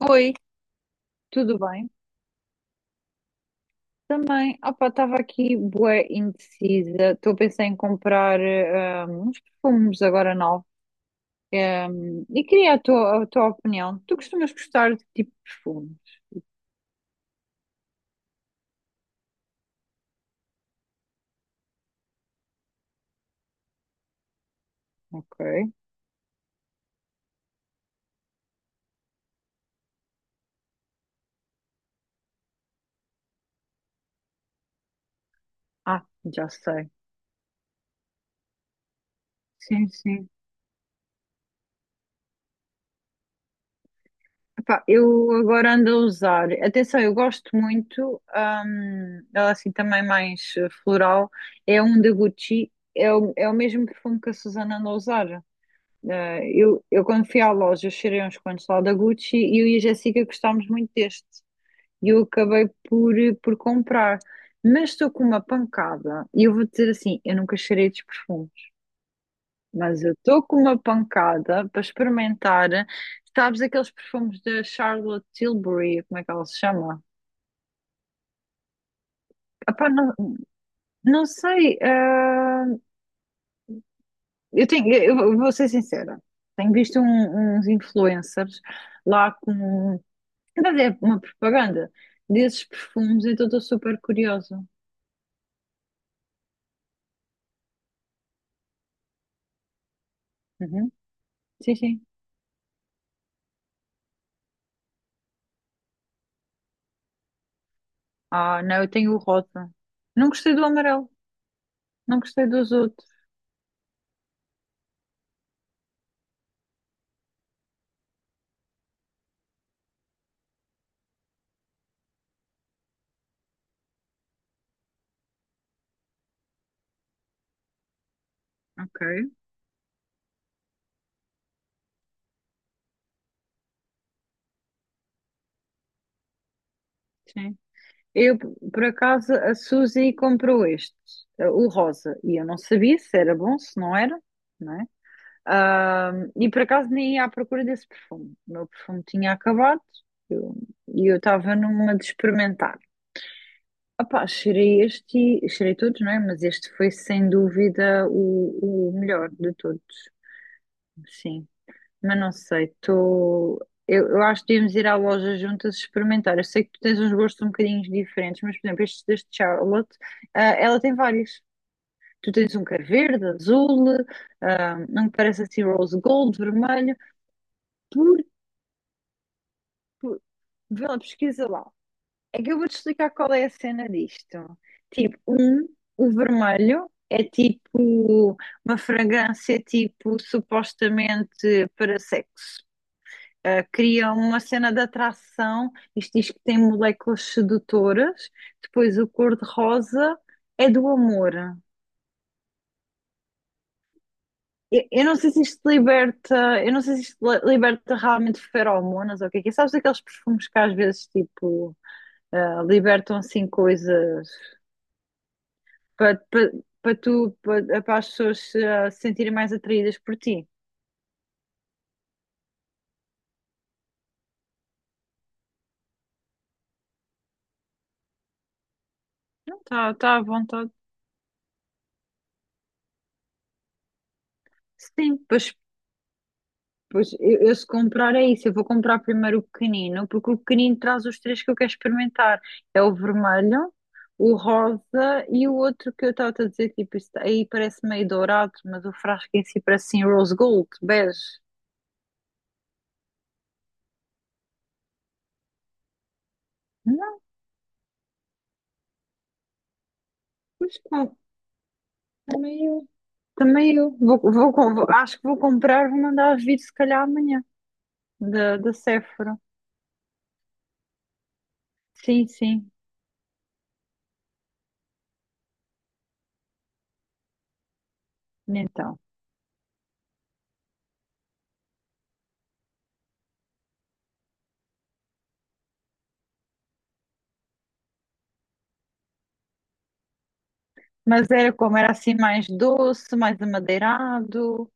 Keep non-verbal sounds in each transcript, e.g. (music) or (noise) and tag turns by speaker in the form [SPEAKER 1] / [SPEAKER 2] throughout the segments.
[SPEAKER 1] Oi, tudo bem? Também, opa, estava aqui bué indecisa. Estou a pensar em comprar uns perfumes agora novos. Eh, e queria a tua opinião. Tu costumas gostar de que tipo de perfumes? Ok. Ah, já sei. Sim, sim. Epá, eu agora ando a usar. Atenção, eu gosto muito. Ela é assim também mais floral. É um da Gucci. É o mesmo perfume que a Susana anda a usar. Ah, eu quando fui à loja, eu cheirei uns quantos lá da Gucci e eu e a Jéssica gostámos muito deste. E eu acabei por, por comprar. Mas estou com uma pancada. E eu vou dizer assim, eu nunca cheirei estes perfumes. Mas eu estou com uma pancada para experimentar. Sabes aqueles perfumes da Charlotte Tilbury, como é que ela se chama? Epá, não, não sei. Eu tenho, eu vou ser sincera. Tenho visto uns influencers lá com. Mas é uma propaganda desses perfumes, então estou super curiosa. Uhum. Sim, sim. Ah, não, eu tenho o rosa. Não gostei do amarelo, não gostei dos outros. Ok, sim. Eu, por acaso, a Suzy comprou este, o rosa, e eu não sabia se era bom, se não era, não é? Ah, e por acaso nem ia à procura desse perfume. O meu perfume tinha acabado eu- e eu estava numa de experimentar. Opá, cheirei este, cheirei todos, não é? Mas este foi sem dúvida o melhor de todos, sim. Mas não sei, estou. Eu acho que devíamos ir à loja juntas experimentar. Eu sei que tu tens uns gostos um bocadinho diferentes, mas, por exemplo, este deste Charlotte, ela tem vários. Tu tens um que é verde, azul, um que parece assim rose gold, vermelho. Por, por, vê lá, pesquisa lá. É que eu vou-te explicar qual é a cena disto. Tipo, um, o vermelho é tipo uma fragrância tipo supostamente para sexo. Ah, cria uma cena de atração, isto diz que tem moléculas sedutoras. Depois o cor-de-rosa é do amor. Eu não sei se isto liberta, eu não sei se isto liberta realmente feromonas ou o que é que é. Sabes aqueles perfumes que às vezes tipo libertam assim coisas para, para, para tu, para as pessoas se se sentirem mais atraídas por ti. Não, está tá, tá à vontade. Sim, pois, pois eu se comprar é isso, eu vou comprar primeiro o pequenino, porque o pequenino traz os três que eu quero experimentar. É o vermelho, o rosa e o outro que eu estava a dizer, tipo, isso aí parece meio dourado, mas o frasco em si parece assim rose gold, bege. Não, mas pá, também eu, também eu. Acho que vou comprar, vou mandar vir se calhar amanhã, da Sephora. Sim, sim. Então. Mas era como? Era assim mais doce, mais amadeirado.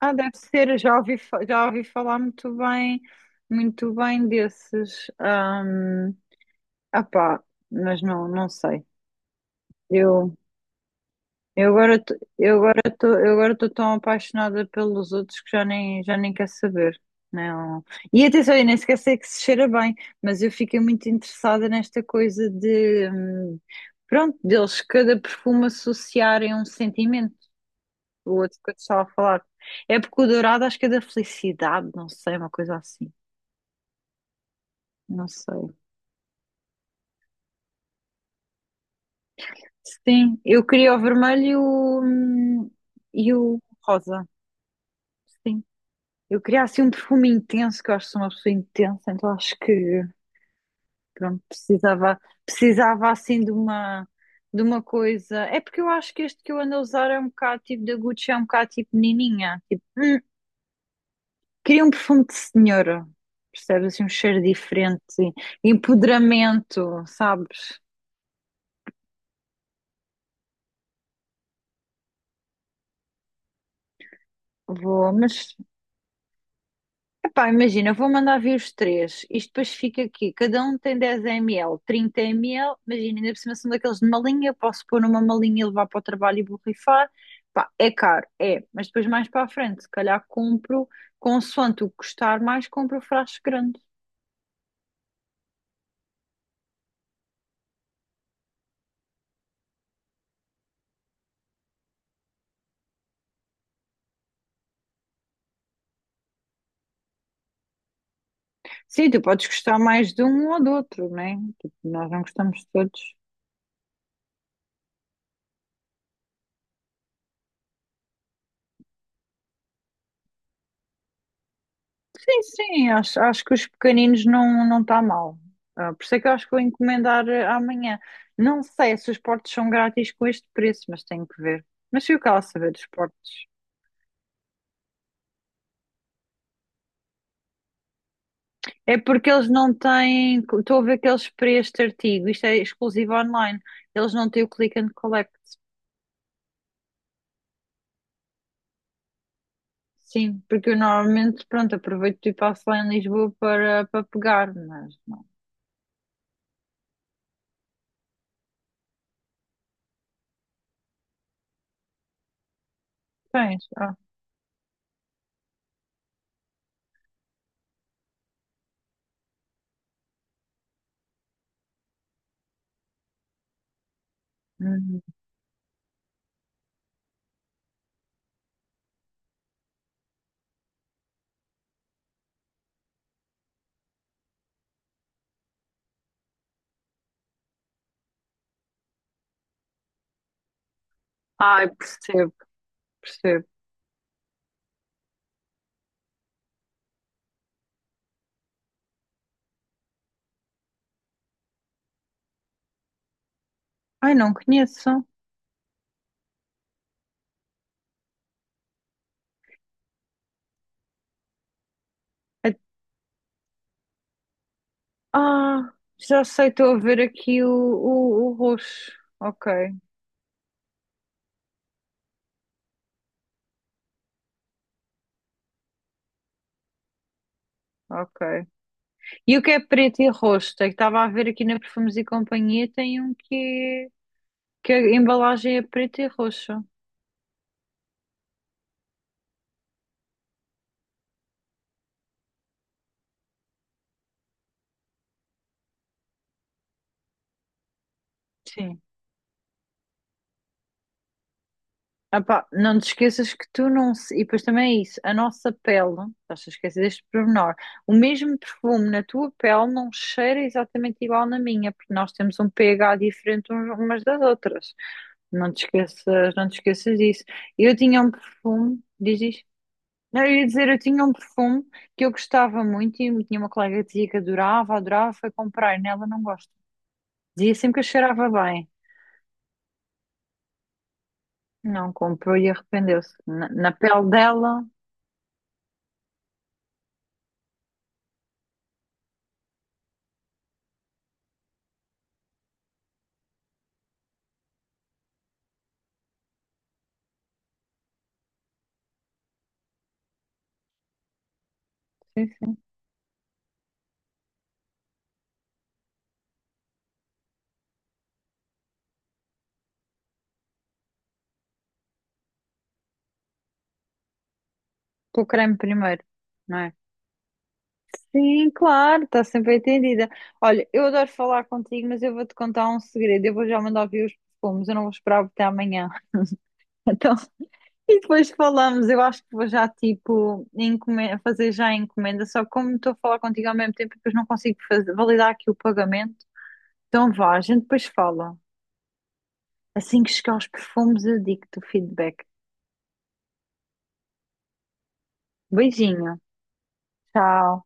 [SPEAKER 1] Ah, deve ser, já ouvi, já ouvi falar muito bem desses. Ah, pá, mas não, não sei. Eu. Eu agora, eu agora estou tão apaixonada pelos outros que já nem quero saber. Não. E atenção, eu nem sequer sei que se cheira bem, mas eu fiquei muito interessada nesta coisa de, pronto, deles cada perfume associarem um sentimento. O outro que eu te estava a falar. É porque o dourado acho que é da felicidade, não sei, uma coisa assim. Não sei. Sim, eu queria o vermelho e o rosa. Sim. Eu queria assim um perfume intenso, que eu acho que sou uma pessoa intensa, então acho que pronto, precisava assim de uma coisa. É porque eu acho que este que eu ando a usar é um bocado tipo da Gucci, é um bocado tipo menininha. Tipo, queria um perfume de senhora, percebes? Assim, um cheiro diferente, empoderamento, sabes? Vou, mas Epá, imagina, vou mandar vir os três. Isto depois fica aqui. Cada um tem 10 ml, 30 ml. Imagina, ainda por cima são daqueles de malinha. Eu posso pôr numa malinha e levar para o trabalho e borrifar. Pá, é caro, é. Mas depois mais para a frente, se calhar compro, consoante o que custar mais, compro o frasco grande. Sim, tu podes gostar mais de um ou do outro, né? Tipo, nós não gostamos de todos. Sim, sim, acho que os pequeninos não está mal. Ah, por isso é que eu acho que vou encomendar amanhã. Não sei se os portos são grátis com este preço, mas tenho que ver. Mas fui o que ela saber dos portos. É porque eles não têm. Estou a ver que eles para este artigo, isto é exclusivo online, eles não têm o click and collect. Sim, porque eu normalmente, pronto, aproveito e passo lá em Lisboa para pegar, mas não tens. Ah, uhum. Ai, percebo, percebo. Ai, não conheço. É. Ah, já sei, estou a ver aqui o roxo. Ok, ok. E o que é preto e roxo? É que estava a ver aqui na Perfumes e Companhia, tem um que, que a embalagem é preta e roxa. Sim. Ah pá, não te esqueças que tu não. E depois também é isso, a nossa pele, estás a esquecer deste pormenor, o mesmo perfume na tua pele não cheira exatamente igual na minha, porque nós temos um pH diferente umas das outras. Não te esqueças, não te esqueças disso. Eu tinha um perfume, diz isto. Não, eu ia dizer, eu tinha um perfume que eu gostava muito e tinha uma colega que dizia que adorava, adorava, foi comprar e nela não gosto. Dizia sempre que eu cheirava bem. Não comprou e arrependeu-se. Na pele dela, sim, sim. Pelo creme primeiro, não é? Sim, claro, está sempre entendida. Olha, eu adoro falar contigo, mas eu vou-te contar um segredo. Eu vou já mandar vir os perfumes, eu não vou esperar até amanhã. Então, (laughs) e depois falamos, eu acho que vou já tipo fazer já a encomenda, só que como estou a falar contigo ao mesmo tempo, depois não consigo validar aqui o pagamento. Então vá, a gente depois fala. Assim que chegar aos perfumes, eu digo-te o feedback. Beijinho, tchau.